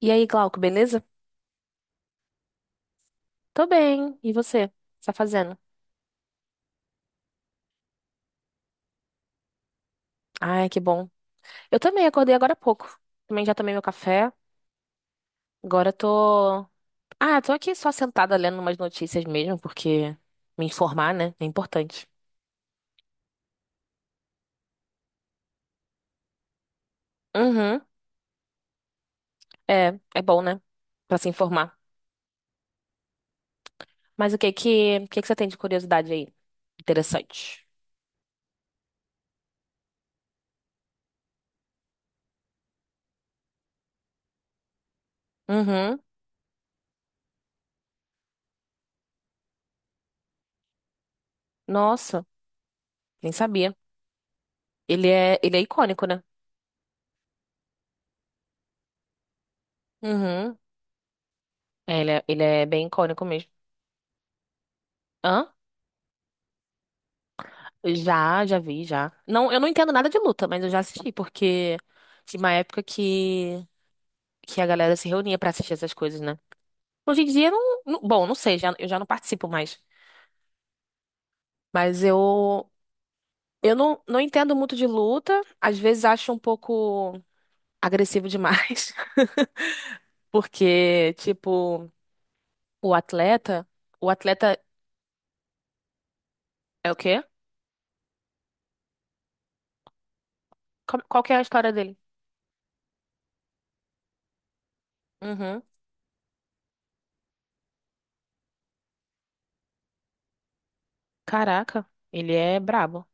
E aí, Glauco, beleza? Tô bem. E você? O que você tá fazendo? Ai, que bom. Eu também acordei agora há pouco. Também já tomei meu café. Agora tô. Tô aqui só sentada lendo umas notícias mesmo, porque me informar, né, é importante. Uhum. É, é bom, né? Pra se informar. Mas o que que você tem de curiosidade aí? Interessante. Uhum. Nossa, nem sabia. Ele é icônico, né? Uhum. É, ele é bem icônico mesmo. Hã? Já, já vi, já. Não, eu não entendo nada de luta, mas eu já assisti, porque tinha uma época que a galera se reunia pra assistir essas coisas, né? Hoje em dia, bom, não sei, eu já não participo mais. Mas eu, eu não entendo muito de luta, às vezes acho um pouco agressivo demais, porque, tipo, o atleta, o atleta é o quê? Qual que é a história dele? Uhum. Caraca, ele é brabo.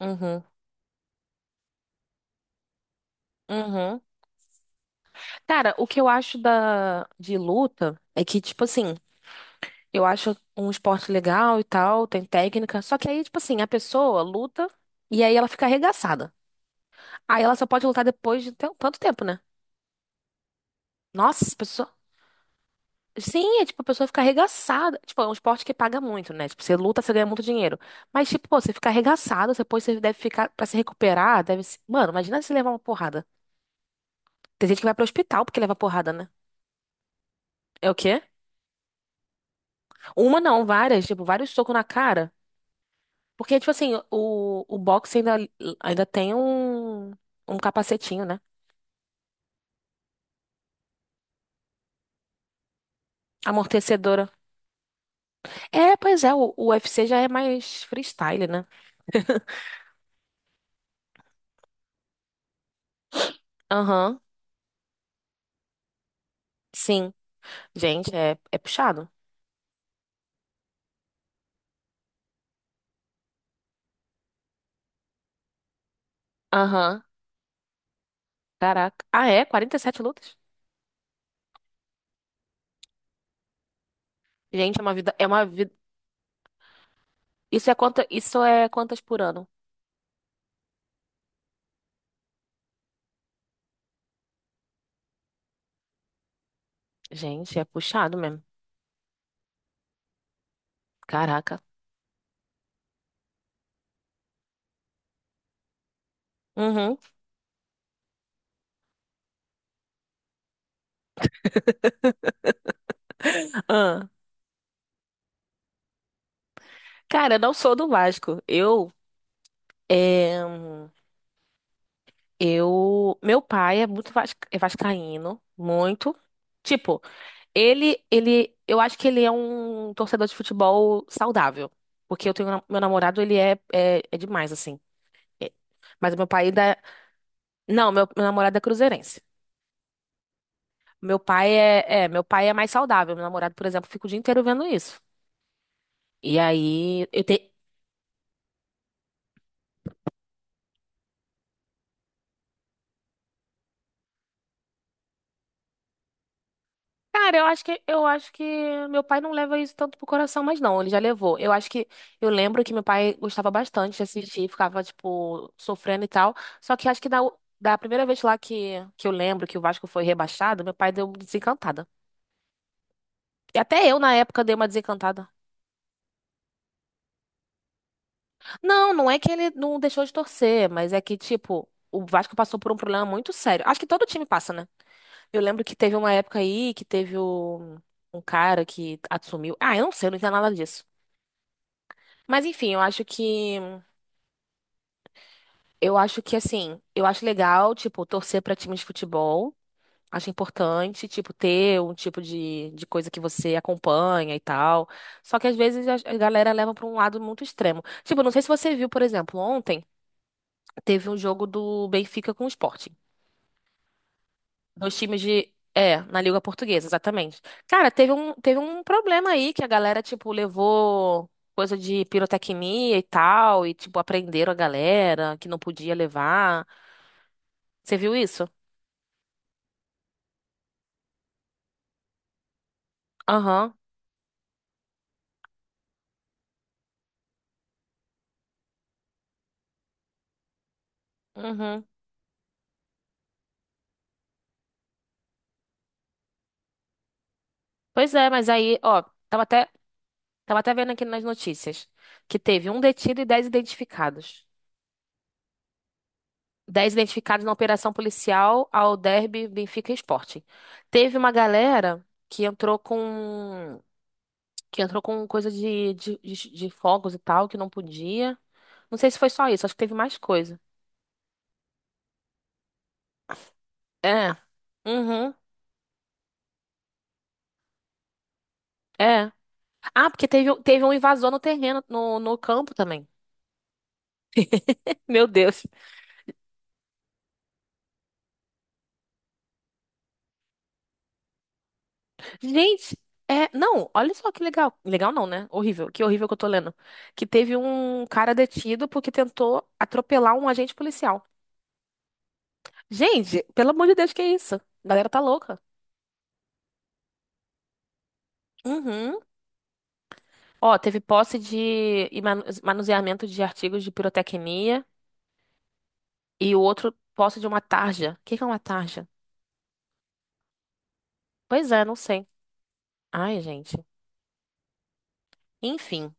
Uhum. Uhum. Cara, o que eu acho da de luta é que, tipo assim, eu acho um esporte legal e tal, tem técnica, só que aí, tipo assim, a pessoa luta e aí ela fica arregaçada. Aí ela só pode lutar depois de tanto tempo, né? Nossa, a pessoa. Sim, é tipo, a pessoa fica arregaçada. Tipo, é um esporte que paga muito, né? Tipo, você luta, você ganha muito dinheiro. Mas, tipo, pô, você fica arregaçado, depois você deve ficar, pra se recuperar, deve se... Mano, imagina se levar uma porrada. Tem gente que vai pro hospital porque leva porrada, né? É o quê? Uma não, várias, tipo, vários socos na cara. Porque, tipo assim, o boxe ainda, ainda tem um, um capacetinho, né? Amortecedora. É, pois é, o UFC já é mais freestyle, né? Aham, sim. Gente, é, é puxado. Aham, caraca. Ah, é? 47 lutas? Gente, é uma vida, é uma vida. Isso é quantas por ano? Gente, é puxado mesmo. Caraca. Uhum. Ah. Cara, eu não sou do Vasco. É... Eu, meu pai é muito é vascaíno, muito. Tipo, ele, eu acho que ele é um torcedor de futebol saudável, porque eu tenho meu namorado, é demais assim. É. Mas meu pai ainda, é, não, meu namorado é cruzeirense. Meu pai é mais saudável. Meu namorado, por exemplo, fica o dia inteiro vendo isso. E aí, eu tenho. Cara, eu acho que meu pai não leva isso tanto pro coração, mas não, ele já levou. Eu acho que eu lembro que meu pai gostava bastante de assistir, ficava tipo sofrendo e tal. Só que acho que da primeira vez lá que eu lembro que o Vasco foi rebaixado, meu pai deu uma desencantada. E até eu na época dei uma desencantada. Não, não é que ele não deixou de torcer, mas é que tipo o Vasco passou por um problema muito sério. Acho que todo time passa, né? Eu lembro que teve uma época aí que teve o um cara que assumiu. Ah, eu não sei, eu não entendo nada disso. Mas enfim, eu acho que assim, eu acho legal, tipo, torcer pra time de futebol. Acho importante, tipo, ter um tipo de coisa que você acompanha e tal. Só que às vezes a galera leva pra um lado muito extremo. Tipo, não sei se você viu, por exemplo, ontem teve um jogo do Benfica com o Sporting. Dois times de. É, na Liga Portuguesa, exatamente. Cara, teve um problema aí que a galera, tipo, levou coisa de pirotecnia e tal, e, tipo, aprenderam a galera que não podia levar. Você viu isso? Aham. Uhum. Pois é, mas aí, ó, tava até, tava até vendo aqui nas notícias que teve um detido e 10 identificados. Dez identificados na operação policial ao Derby, Benfica e Sporting. Teve uma galera que entrou com coisa de, de fogos e tal, que não podia. Não sei se foi só isso, acho que teve mais coisa. É. Uhum. É. Ah, porque teve um invasor no terreno, no campo também. Meu Deus. Gente, é. Não, olha só que legal. Legal não, né? Horrível. Que horrível que eu tô lendo. Que teve um cara detido porque tentou atropelar um agente policial. Gente, pelo amor de Deus, que é isso? A galera tá louca. Uhum. Ó, teve posse de e manuseamento de artigos de pirotecnia e o outro posse de uma tarja. O que que é uma tarja? Pois é, não sei. Ai, gente. Enfim.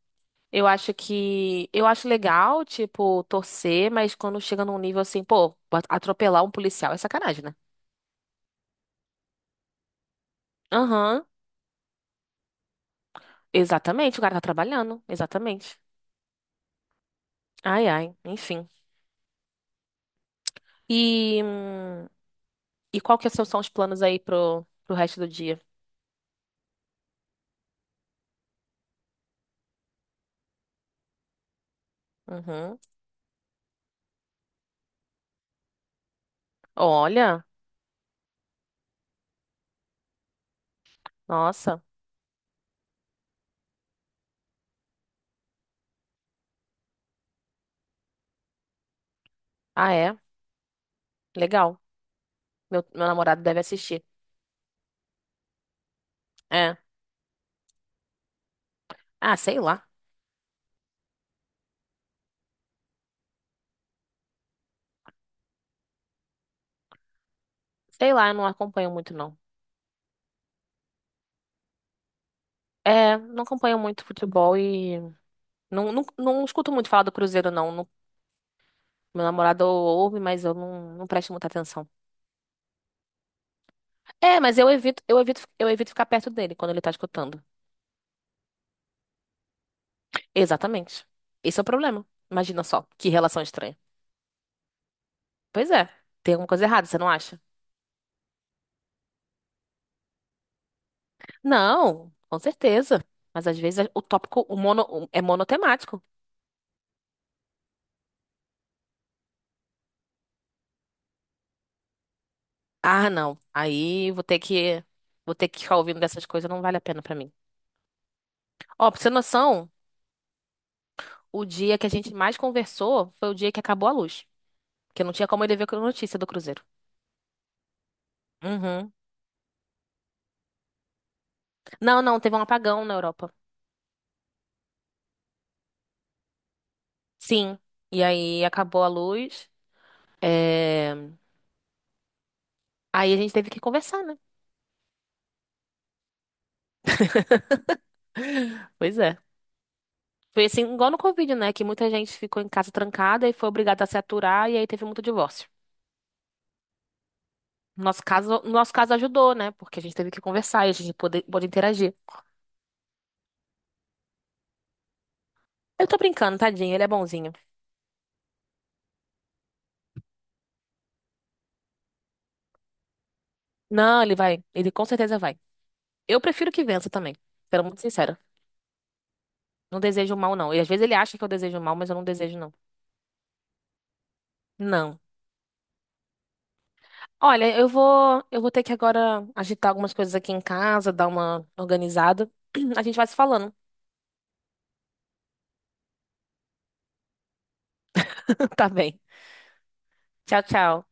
Eu acho que. Eu acho legal, tipo, torcer, mas quando chega num nível assim, pô, atropelar um policial é sacanagem, né? Aham, exatamente, o cara tá trabalhando, exatamente. Ai, ai, enfim. E, hum, e qual que são os planos aí pro, pro resto do dia? Uhum. Olha, nossa. Ah, é? Legal. Meu namorado deve assistir. É. Ah, sei lá. Sei lá, eu não acompanho muito, não. É, não acompanho muito futebol e não escuto muito falar do Cruzeiro, não. Meu namorado ouve, mas eu não presto muita atenção. É, mas eu evito ficar perto dele quando ele tá escutando. Exatamente. Esse é o problema. Imagina só, que relação estranha. Pois é, tem alguma coisa errada, você não acha? Não, com certeza. Mas às vezes o tópico é monotemático. Ah, não. Aí vou ter que ficar ouvindo dessas coisas, não vale a pena pra mim. Ó, pra você ter noção, o dia que a gente mais conversou foi o dia que acabou a luz. Porque não tinha como ele ver a notícia do Cruzeiro. Uhum. Não, não, teve um apagão na Europa. Sim. E aí acabou a luz. É... Aí a gente teve que conversar, né? Pois é. Foi assim, igual no Covid, né? Que muita gente ficou em casa trancada e foi obrigada a se aturar, e aí teve muito divórcio. No nosso caso ajudou, né? Porque a gente teve que conversar e a gente pôde interagir. Eu tô brincando, tadinho, ele é bonzinho. Não, ele vai. Ele com certeza vai. Eu prefiro que vença também. Sendo muito sincera. Não desejo mal, não. E às vezes ele acha que eu desejo mal, mas eu não desejo, não. Não. Olha, eu vou ter que agora agitar algumas coisas aqui em casa, dar uma organizada. A gente vai se falando, tá bem? Tchau, tchau.